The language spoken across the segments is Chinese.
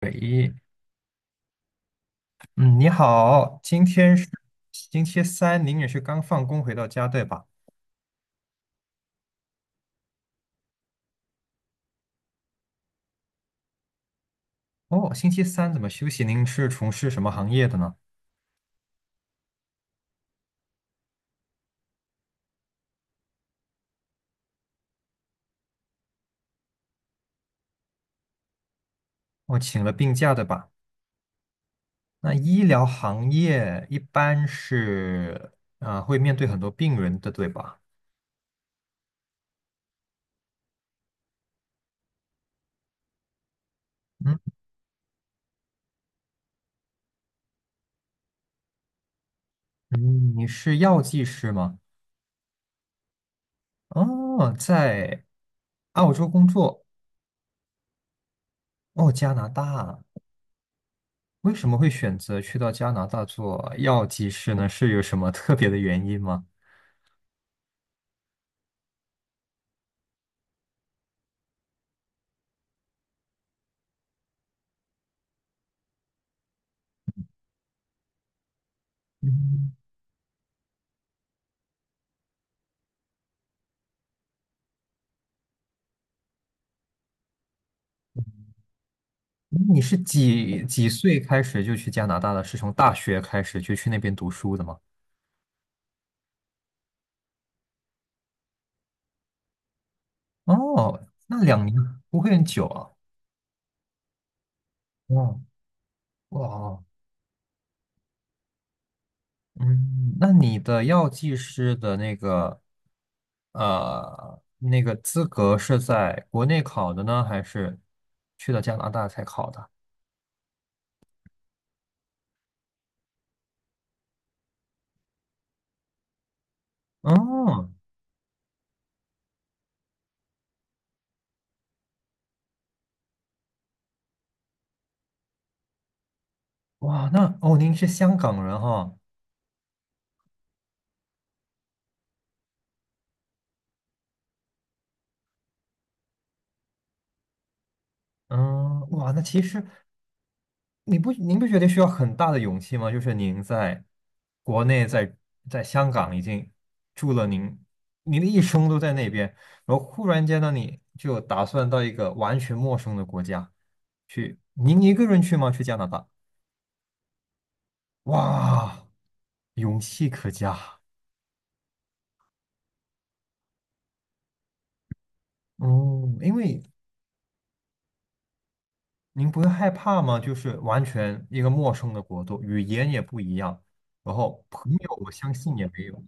喂，嗯，你好，今天是星期三，您也是刚放工回到家，对吧？哦，星期三怎么休息？您是从事什么行业的呢？哦，请了病假，对吧？那医疗行业一般是会面对很多病人的，对吧？嗯嗯，你是药剂师吗？哦，在澳洲工作。哦，加拿大，为什么会选择去到加拿大做药剂师呢？是有什么特别的原因吗？嗯，那你是几几岁开始就去加拿大的？是从大学开始就去那边读书的吗？哦，那两年不会很久啊。哦，哇，嗯，那你的药剂师的那个那个资格是在国内考的呢，还是去了加拿大才考的？哦，哇，那哦，您是香港人哈、嗯，哇，那其实。你不您不觉得需要很大的勇气吗？就是您在国内在香港已经住了您的一生都在那边，然后忽然间呢，你就打算到一个完全陌生的国家去，您一个人去吗？去加拿大？哇，勇气可嘉。嗯，因为您不会害怕吗？就是完全一个陌生的国度，语言也不一样，然后朋友我相信也没有。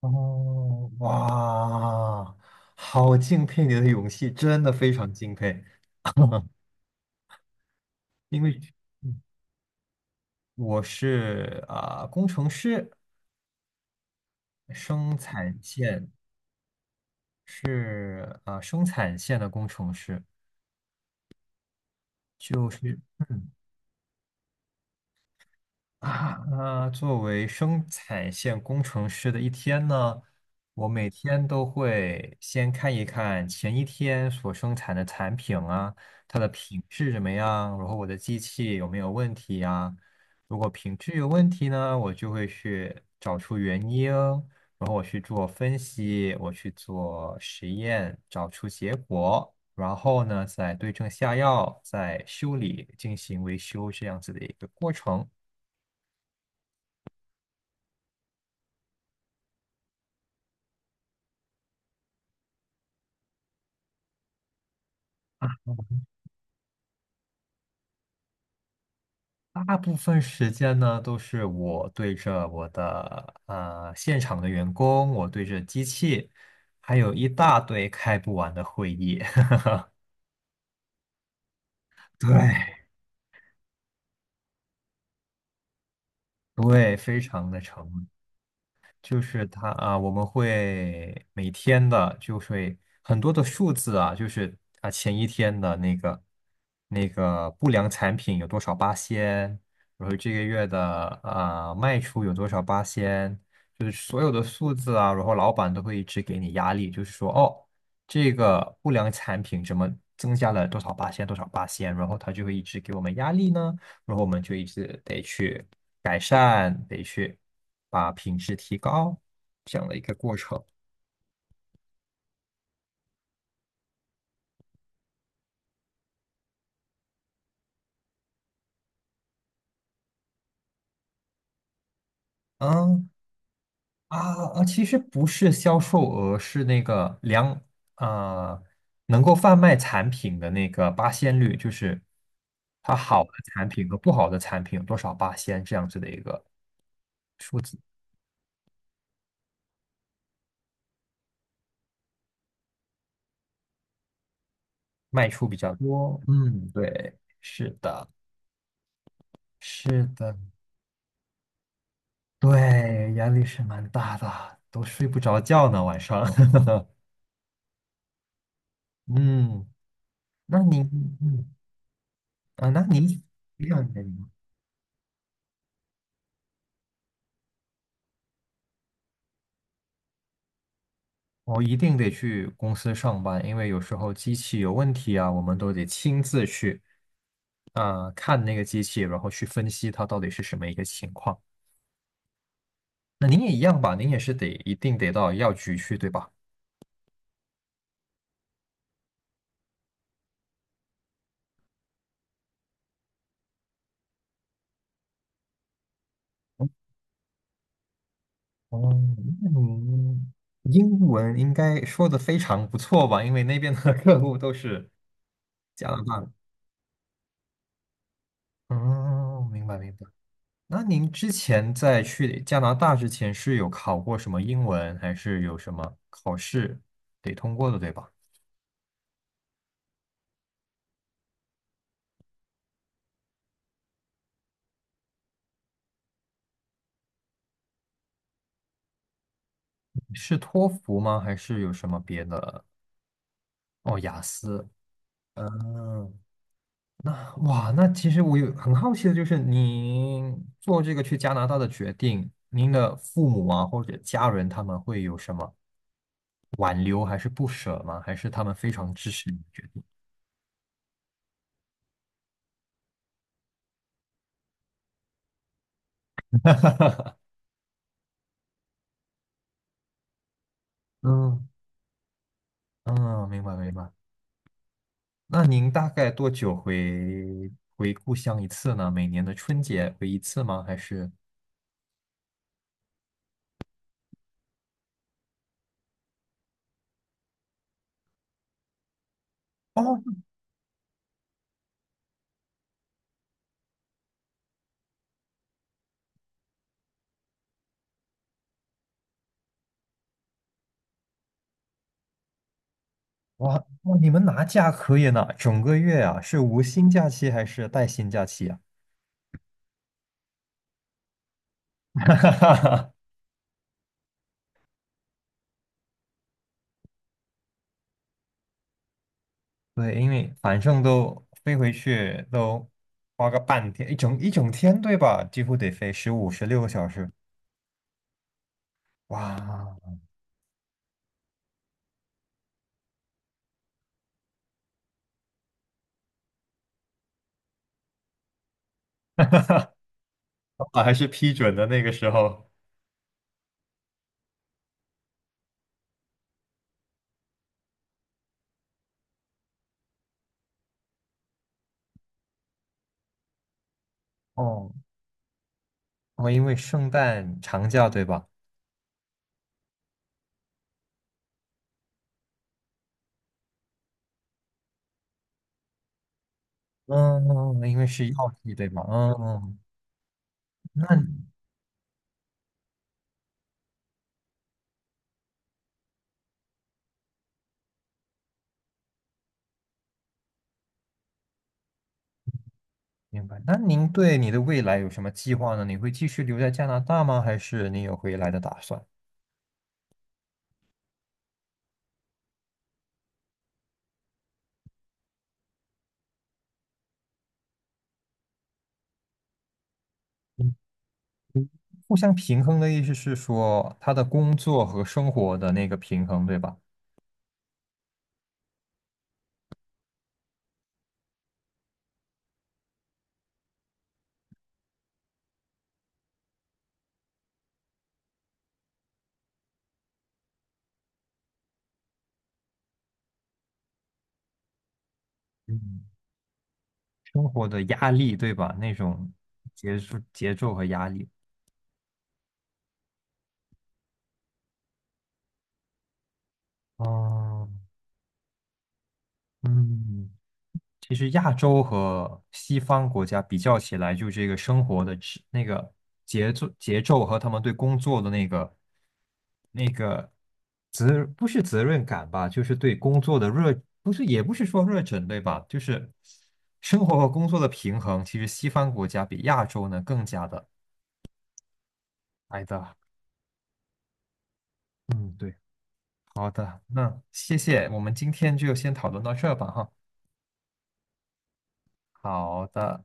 哦，哇，好敬佩你的勇气，真的非常敬佩。因为嗯我是工程师，生产线生产线的工程师，就是嗯那作为生产线工程师的一天呢，我每天都会先看一看前一天所生产的产品啊，它的品质怎么样，然后我的机器有没有问题啊？如果品质有问题呢，我就会去找出原因，然后我去做分析，我去做实验，找出结果，然后呢，再对症下药，再修理，进行维修这样子的一个过程。大部分时间呢，都是我对着我的现场的员工，我对着机器，还有一大堆开不完的会议。对对，非常的沉闷。就是他啊，我们会每天的，就是会很多的数字啊，就是啊前一天的那个那个不良产品有多少八仙，然后这个月的啊卖出有多少八仙，就是所有的数字啊，然后老板都会一直给你压力，就是说哦，这个不良产品怎么增加了多少八仙多少八仙，然后他就会一直给我们压力呢。然后我们就一直得去改善，得去把品质提高，这样的一个过程。嗯啊其实不是销售额，是那个量啊，能够贩卖产品的那个八仙率，就是它好的产品和不好的产品有多少八仙这样子的一个数字，卖出比较多。嗯，对，是的，是的，对，压力是蛮大的，都睡不着觉呢，晚上。嗯，那你嗯那你这样的吗，我一定得去公司上班，因为有时候机器有问题啊，我们都得亲自去看那个机器，然后去分析它到底是什么一个情况。那您也一样吧，您也是得一定得到药局去，对吧？哦，那您英文应该说的非常不错吧？因为那边的 客户都是加拿大的。哦，明白明白。那您之前在去加拿大之前是有考过什么英文，还是有什么考试得通过的，对吧？是托福吗？还是有什么别的？哦，雅思。嗯，那哇，那其实我有很好奇的就是，您做这个去加拿大的决定，您的父母啊或者家人他们会有什么挽留还是不舍吗？还是他们非常支持你的决定？嗯，嗯，明白明白。那您大概多久回故乡一次呢？每年的春节回一次吗？还是？哦，哇，哇，你们拿假可以呢，整个月啊，是无薪假期还是带薪假期啊？对，因为反正都飞回去都花个半天，一整天，对吧？几乎得飞15、16个小时。哇 啊还是批准的那个时候。哦，我因为圣诞长假，对吧？嗯，因为是药剂，对吧？嗯，那明白。那您对你的未来有什么计划呢？你会继续留在加拿大吗？还是你有回来的打算？嗯，互相平衡的意思是说，他的工作和生活的那个平衡，对吧？嗯，生活的压力，对吧？那种节奏、节奏和压力。哦，嗯，其实亚洲和西方国家比较起来，就这个生活的质那个节奏、节奏和他们对工作的那个责不是责任感吧，就是对工作的热，不是也不是说热忱，对吧？就是生活和工作的平衡，其实西方国家比亚洲呢更加的来的。嗯，对，好的，那谢谢，我们今天就先讨论到这儿吧，哈。好的。